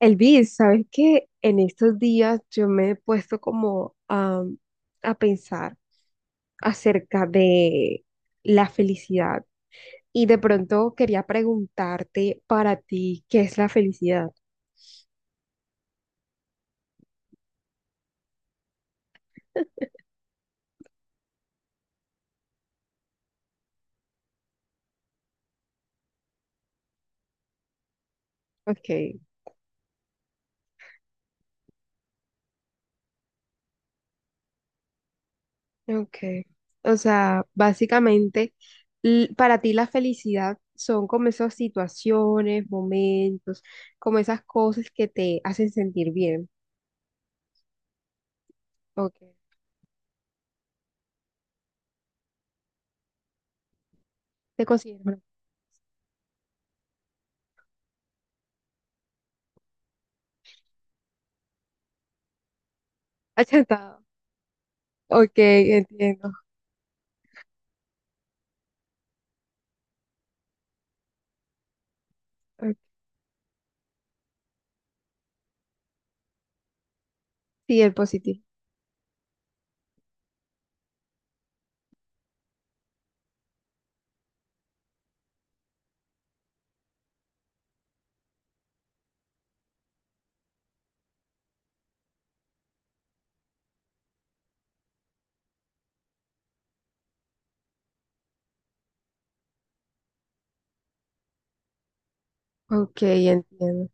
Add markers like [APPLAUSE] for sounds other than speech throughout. Elvis, ¿sabes qué? En estos días yo me he puesto como a pensar acerca de la felicidad y de pronto quería preguntarte, para ti, ¿qué es la felicidad? Okay, okay. O sea, básicamente, para ti la felicidad son como esas situaciones, momentos, como esas cosas que te hacen sentir bien. Okay. ¿Te consideras una- [LAUGHS] acertado? Ok, entiendo. Ok, sí, el positivo. Ok, entiendo.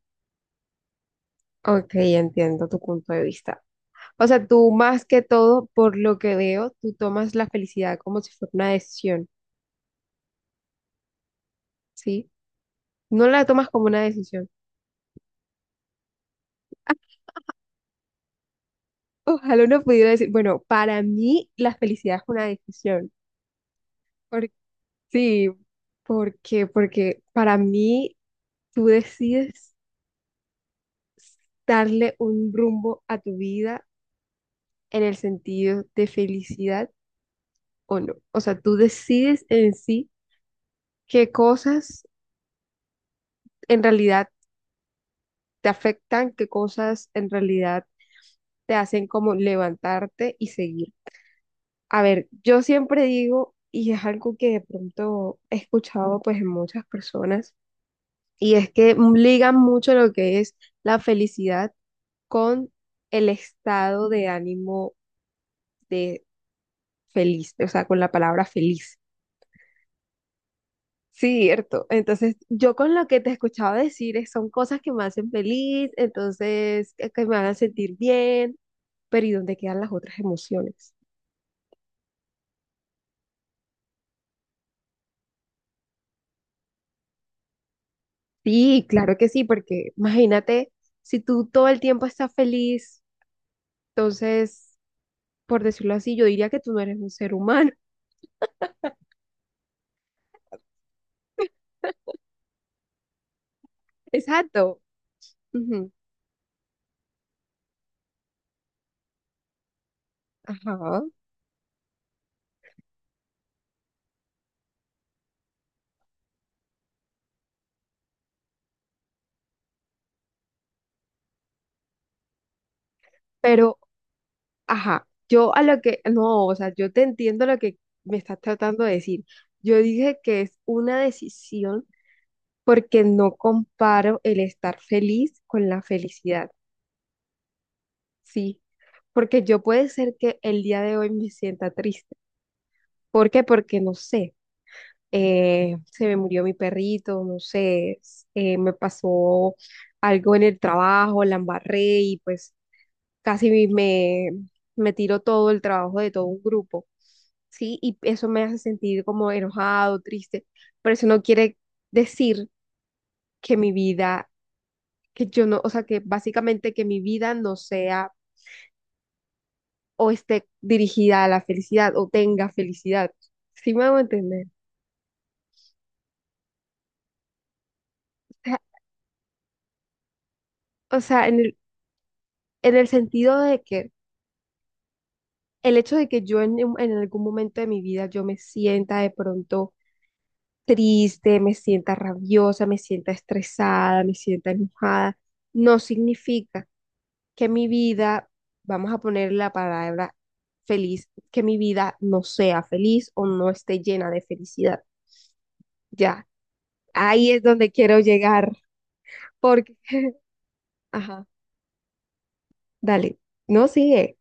Ok, entiendo tu punto de vista. O sea, tú más que todo, por lo que veo, tú tomas la felicidad como si fuera una decisión, ¿sí? No la tomas como una decisión. [LAUGHS] Ojalá uno pudiera decir, bueno, para mí la felicidad es una decisión. Por- sí, porque, porque para mí tú decides darle un rumbo a tu vida en el sentido de felicidad o no. O sea, tú decides en sí qué cosas en realidad te afectan, qué cosas en realidad te hacen como levantarte y seguir. A ver, yo siempre digo, y es algo que de pronto he escuchado pues en muchas personas, y es que ligan mucho lo que es la felicidad con el estado de ánimo de feliz, o sea, con la palabra feliz. Cierto. Entonces, yo con lo que te escuchaba decir es- son cosas que me hacen feliz, entonces, que me hagan sentir bien, pero ¿y dónde quedan las otras emociones? Sí, claro que sí, porque imagínate, si tú todo el tiempo estás feliz, entonces, por decirlo así, yo diría que tú no eres un ser humano. [LAUGHS] Exacto. Ujú. Ajá. Pero, ajá, yo a lo que, no, o sea, yo te entiendo lo que me estás tratando de decir. Yo dije que es una decisión porque no comparo el estar feliz con la felicidad, sí, porque yo puede ser que el día de hoy me sienta triste. ¿Por qué? Porque no sé, se me murió mi perrito, no sé, me pasó algo en el trabajo, la embarré y pues casi me, me tiró todo el trabajo de todo un grupo, sí, y eso me hace sentir como enojado, triste, pero eso no quiere decir que mi vida que yo no, o sea, que básicamente que mi vida no sea o esté dirigida a la felicidad o tenga felicidad. ¿Sí me hago entender? O sea, o sea, en el sentido de que el hecho de que yo en, en algún momento de mi vida yo me sienta de pronto triste, me sienta rabiosa, me sienta estresada, me sienta enojada, no significa que mi vida, vamos a poner la palabra feliz, que mi vida no sea feliz o no esté llena de felicidad. Ya, ahí es donde quiero llegar, porque, [LAUGHS] ajá, dale, no sigue,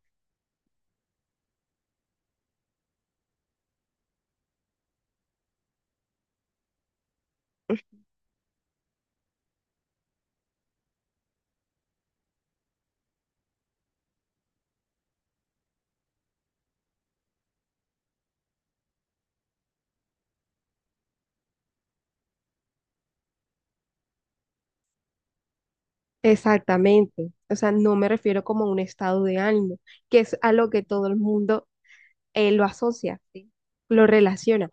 exactamente. O sea, no me refiero como a un estado de ánimo, que es a lo que todo el mundo lo asocia, ¿sí? Lo relaciona.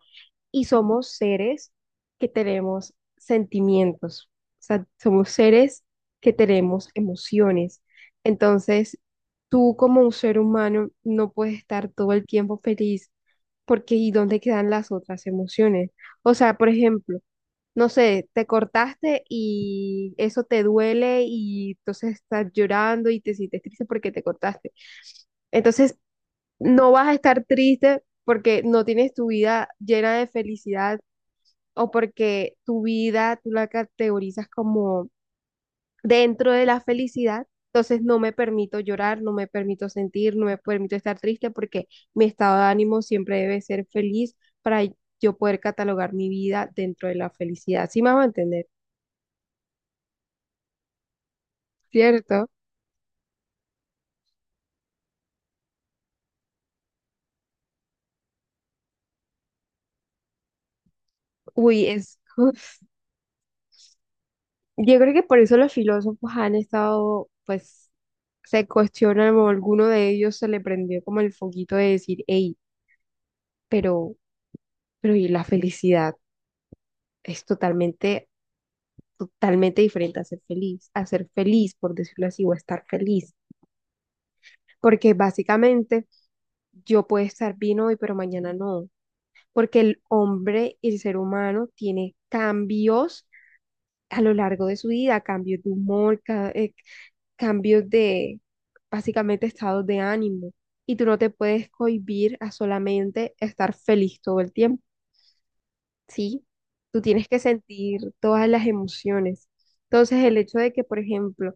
Y somos seres que tenemos sentimientos, o sea, somos seres que tenemos emociones. Entonces, tú como un ser humano no puedes estar todo el tiempo feliz porque ¿y dónde quedan las otras emociones? O sea, por ejemplo, no sé, te cortaste y eso te duele y entonces estás llorando y te sientes triste porque te cortaste. Entonces, no vas a estar triste porque no tienes tu vida llena de felicidad o porque tu vida tú la categorizas como dentro de la felicidad. Entonces no me permito llorar, no me permito sentir, no me permito estar triste porque mi estado de ánimo siempre debe ser feliz para yo poder catalogar mi vida dentro de la felicidad. ¿Sí me va a entender? ¿Cierto? Uy, es... [LAUGHS] Yo creo que por eso los filósofos han estado, pues, se cuestionan, o alguno de ellos se le prendió como el foquito de decir, hey, pero, pero y la felicidad es totalmente diferente a ser feliz, por decirlo así, o a estar feliz. Porque básicamente yo puedo estar bien hoy, pero mañana no. Porque el hombre, el ser humano, tiene cambios a lo largo de su vida, cambios de humor, cambios de básicamente estados de ánimo. Y tú no te puedes cohibir a solamente estar feliz todo el tiempo, ¿sí? Tú tienes que sentir todas las emociones. Entonces, el hecho de que, por ejemplo,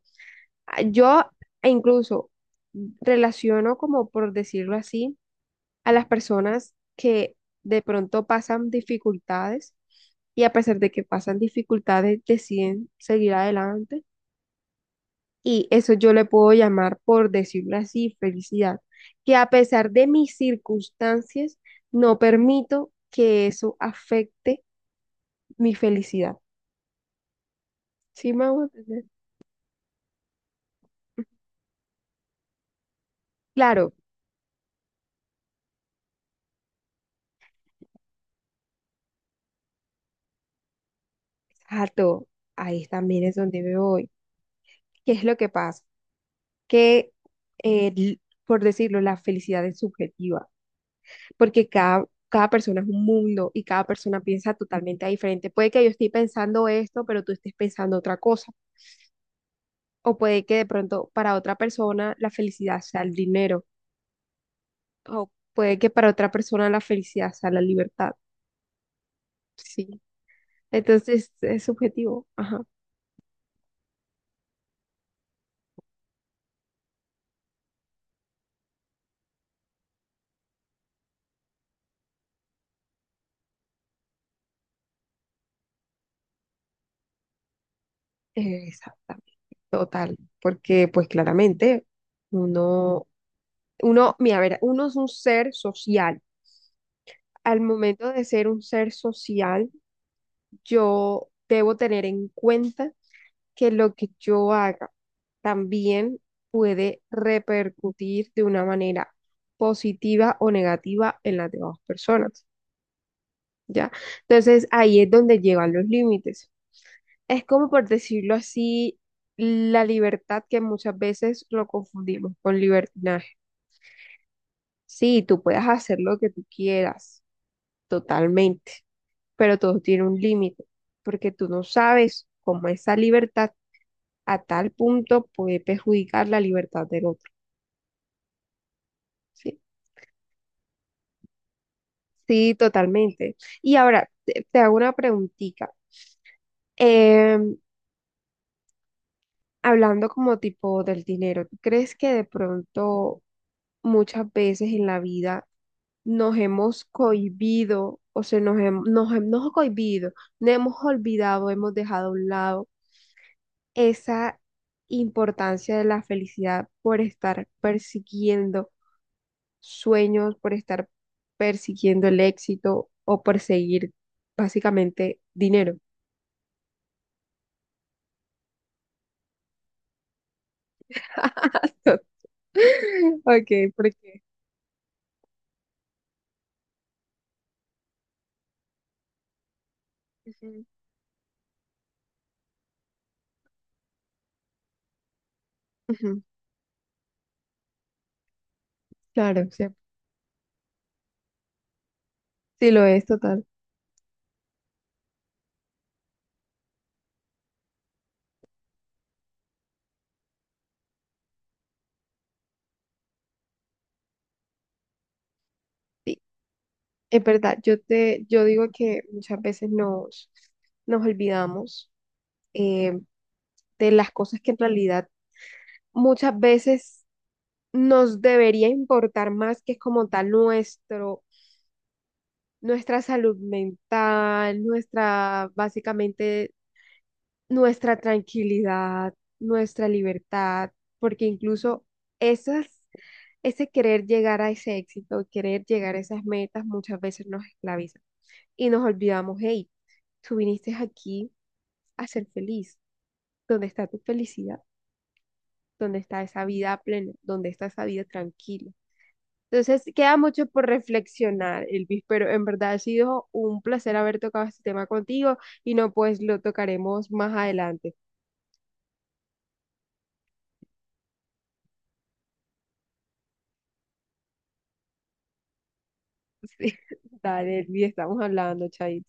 ah, yo e incluso relaciono, como por decirlo así, a las personas que de pronto pasan dificultades y a pesar de que pasan dificultades deciden seguir adelante. Y eso yo le puedo llamar, por decirlo así, felicidad. Que a pesar de mis circunstancias, no permito que eso afecte mi felicidad. ¿Sí me hago entender? Claro, exacto. Ahí también es donde me voy. ¿Qué es lo que pasa? Que, eh, por decirlo, la felicidad es subjetiva, porque cada persona es un mundo y cada persona piensa totalmente diferente. Puede que yo esté pensando esto, pero tú estés pensando otra cosa. O puede que de pronto para otra persona la felicidad sea el dinero. O puede que para otra persona la felicidad sea la libertad. Sí. Entonces es subjetivo. Ajá. Exactamente. Total. Porque pues claramente uno, uno, mira, a ver, uno es un ser social. Al momento de ser un ser social, yo debo tener en cuenta que lo que yo haga también puede repercutir de una manera positiva o negativa en las demás personas, ¿ya? Entonces ahí es donde llegan los límites. Es como por decirlo así, la libertad, que muchas veces lo confundimos con libertinaje. Sí, tú puedes hacer lo que tú quieras totalmente, pero todo tiene un límite, porque tú no sabes cómo esa libertad a tal punto puede perjudicar la libertad del otro. Sí, sí, totalmente. Y ahora, te hago una preguntita. Em, Hablando como tipo del dinero, ¿tú crees que de pronto muchas veces en la vida nos hemos cohibido, o sea, nos hemos cohibido, nos hemos olvidado, hemos dejado a un lado esa importancia de la felicidad por estar persiguiendo sueños, por estar persiguiendo el éxito o perseguir básicamente dinero? [LAUGHS] Ok, porque ujú, ujú, claro, sí, sí lo es total. Sí, es verdad, yo te, yo digo que muchas veces nos olvidamos eh, de las cosas que en realidad muchas veces nos debería importar más que como tal nuestro, nuestra salud mental, nuestra, básicamente, nuestra tranquilidad, nuestra libertad, porque incluso esas, ese querer llegar a ese éxito, querer llegar a esas metas muchas veces nos esclaviza y nos olvidamos, hey, tú viniste aquí a ser feliz, ¿dónde está tu felicidad? ¿Dónde está esa vida plena? ¿Dónde está esa vida tranquila? Entonces, queda mucho por reflexionar, Elvis, pero en verdad ha sido un placer haber tocado este tema contigo y no, pues lo tocaremos más adelante. [LAUGHS] Sí. Dale, Elvis, estamos hablando, Chay.